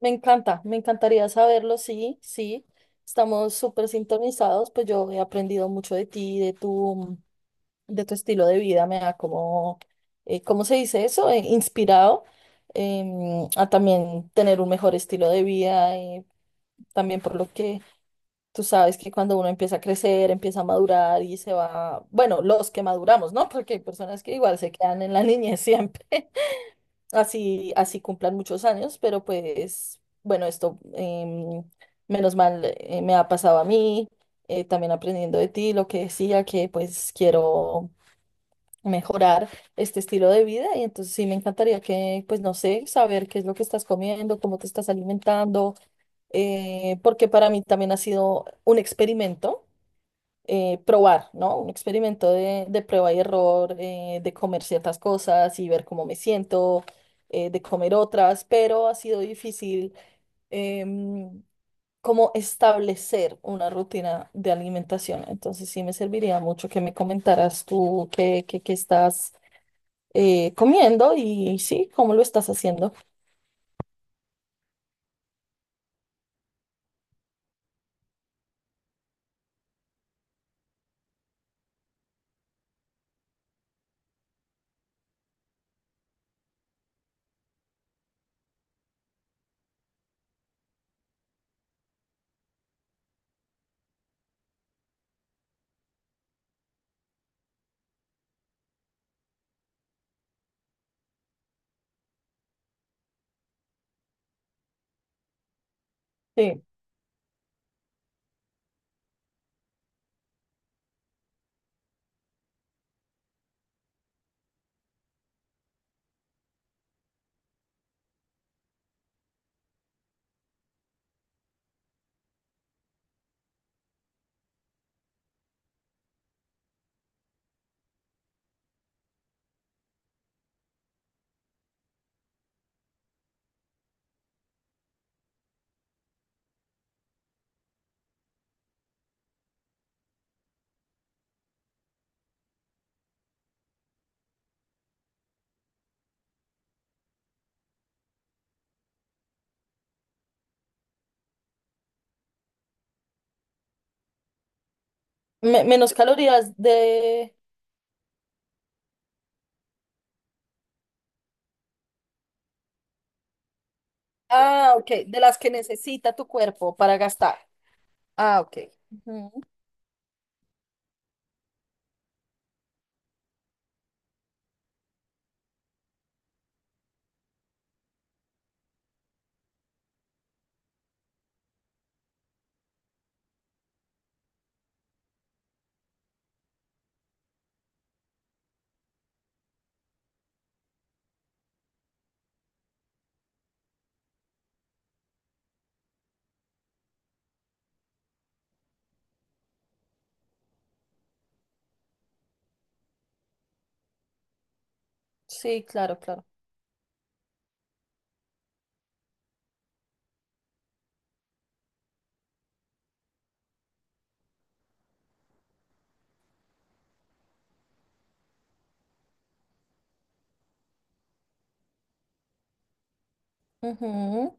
Me encanta, me encantaría saberlo, sí, sí. Estamos súper sintonizados, pues yo he aprendido mucho de ti, de tu estilo de vida, me ha como, ¿cómo se dice eso? Inspirado a también tener un mejor estilo de vida, también por lo que tú sabes que cuando uno empieza a crecer, empieza a madurar y se va, bueno, los que maduramos, ¿no? Porque hay personas que igual se quedan en la niñez siempre así, así cumplan muchos años, pero pues bueno, esto menos mal me ha pasado a mí, también aprendiendo de ti lo que decía, que pues quiero mejorar este estilo de vida y entonces sí me encantaría que, pues no sé, saber qué es lo que estás comiendo, cómo te estás alimentando, porque para mí también ha sido un experimento probar, ¿no? Un experimento de prueba y error, de comer ciertas cosas y ver cómo me siento, de comer otras, pero ha sido difícil em, como establecer una rutina de alimentación. Entonces sí me serviría mucho que me comentaras tú qué, qué, qué estás comiendo y sí, cómo lo estás haciendo. Sí. Menos calorías de... Ah, ok, de las que necesita tu cuerpo para gastar. Ah, ok. Sí, claro, claro. Ujú.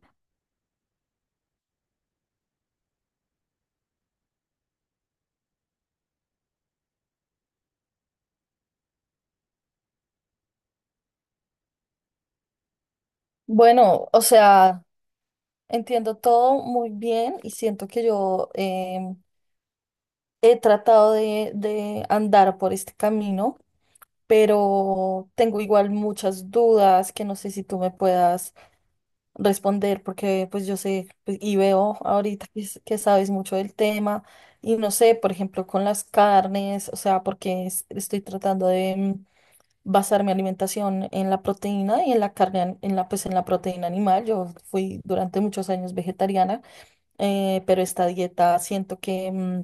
Bueno, o sea, entiendo todo muy bien y siento que yo he tratado de andar por este camino, pero tengo igual muchas dudas que no sé si tú me puedas responder porque pues yo sé pues, y veo ahorita que, que sabes mucho del tema y no sé, por ejemplo, con las carnes, o sea, porque estoy tratando de... basar mi alimentación en la proteína y en la carne, en la, pues en la proteína animal. Yo fui durante muchos años vegetariana, pero esta dieta siento que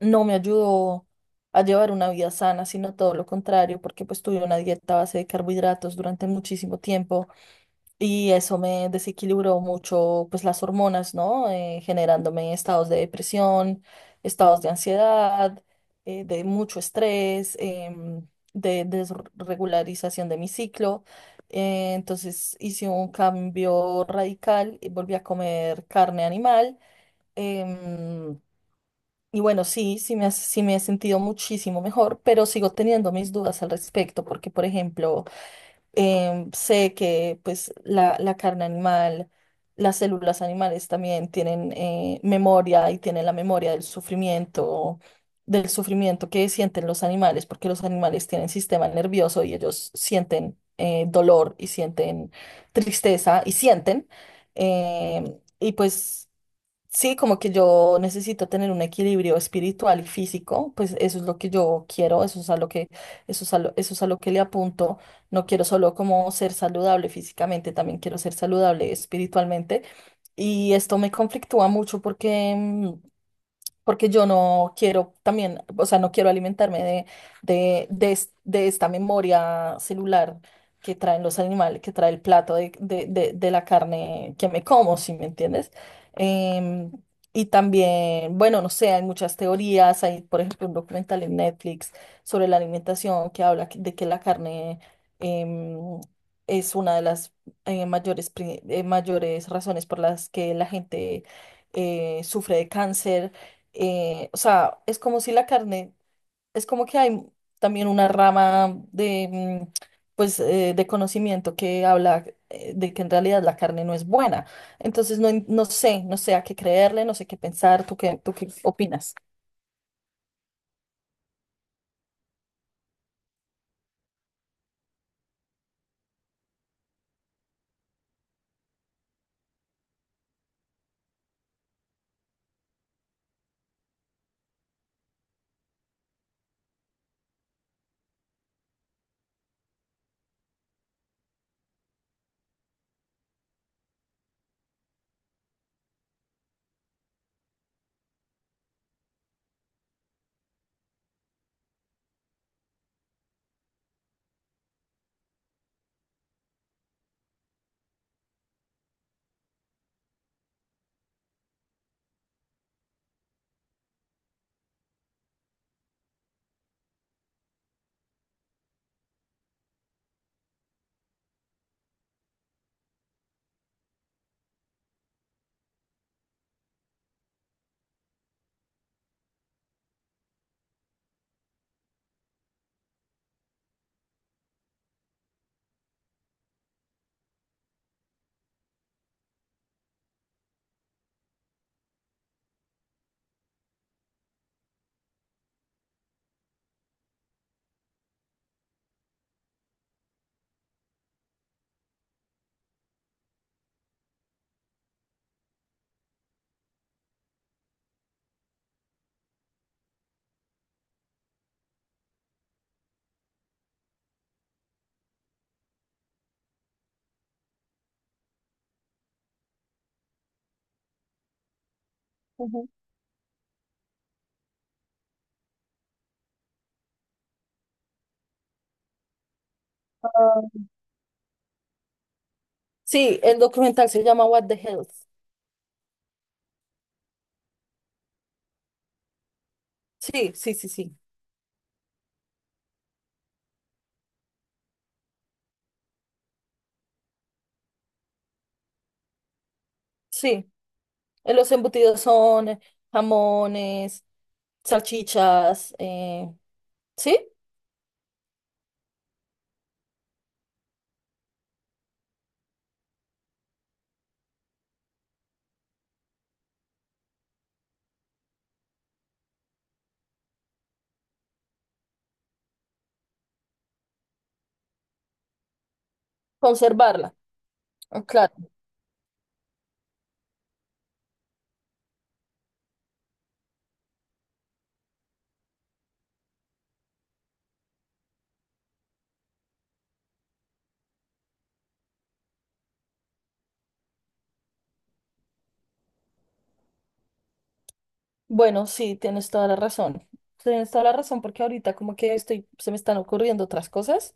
no me ayudó a llevar una vida sana, sino todo lo contrario, porque pues tuve una dieta a base de carbohidratos durante muchísimo tiempo. Y eso me desequilibró mucho, pues las hormonas, ¿no? Generándome estados de depresión, estados de ansiedad, de mucho estrés, de desregularización de mi ciclo. Entonces hice un cambio radical y volví a comer carne animal. em, y bueno, sí, sí me he sentido muchísimo mejor, pero sigo teniendo mis dudas al respecto, porque, por ejemplo, sé que pues la carne animal, las células animales también tienen memoria y tienen la memoria del sufrimiento que sienten los animales, porque los animales tienen sistema nervioso y ellos sienten dolor y sienten tristeza y sienten. em, y pues sí, como que yo necesito tener un equilibrio espiritual y físico, pues eso es lo que yo quiero, eso es a lo que, eso es a lo que le apunto. No quiero solo como ser saludable físicamente, también quiero ser saludable espiritualmente. Y esto me conflictúa mucho porque porque yo no quiero también, o sea, no quiero alimentarme de, de esta memoria celular que traen los animales, que trae el plato de la carne que me como, ¿si me entiendes? Em, y también, bueno, no sé, hay muchas teorías, hay, por ejemplo, un documental en Netflix sobre la alimentación que habla de que la carne em, es una de las mayores razones por las que la gente sufre de cáncer, o sea, es como si la carne, es como que hay también una rama de, mm, pues, de conocimiento que habla de que en realidad la carne no es buena. Entonces, no, no sé, no sé a qué creerle, no sé qué pensar. Tú qué opinas? Ujú. Sí, el documental se llama What the Health. Sí, sí, sí, sí. Sí, los embutidos son jamones, salchichas, ¿sí? Conservarla, ah, claro. Bueno, sí, tienes toda la razón. Tienes toda la razón porque ahorita como que estoy, se me están ocurriendo otras cosas,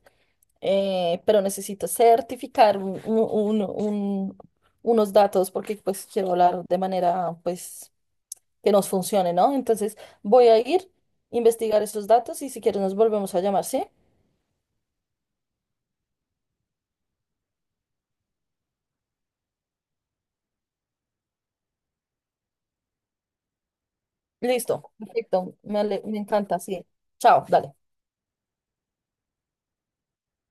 pero necesito certificar unos datos porque pues quiero hablar de manera pues que nos funcione, ¿no? Entonces voy a ir, investigar esos datos y si quieres nos volvemos a llamar, ¿sí? Listo, perfecto, me encanta, sí. Chao, dale.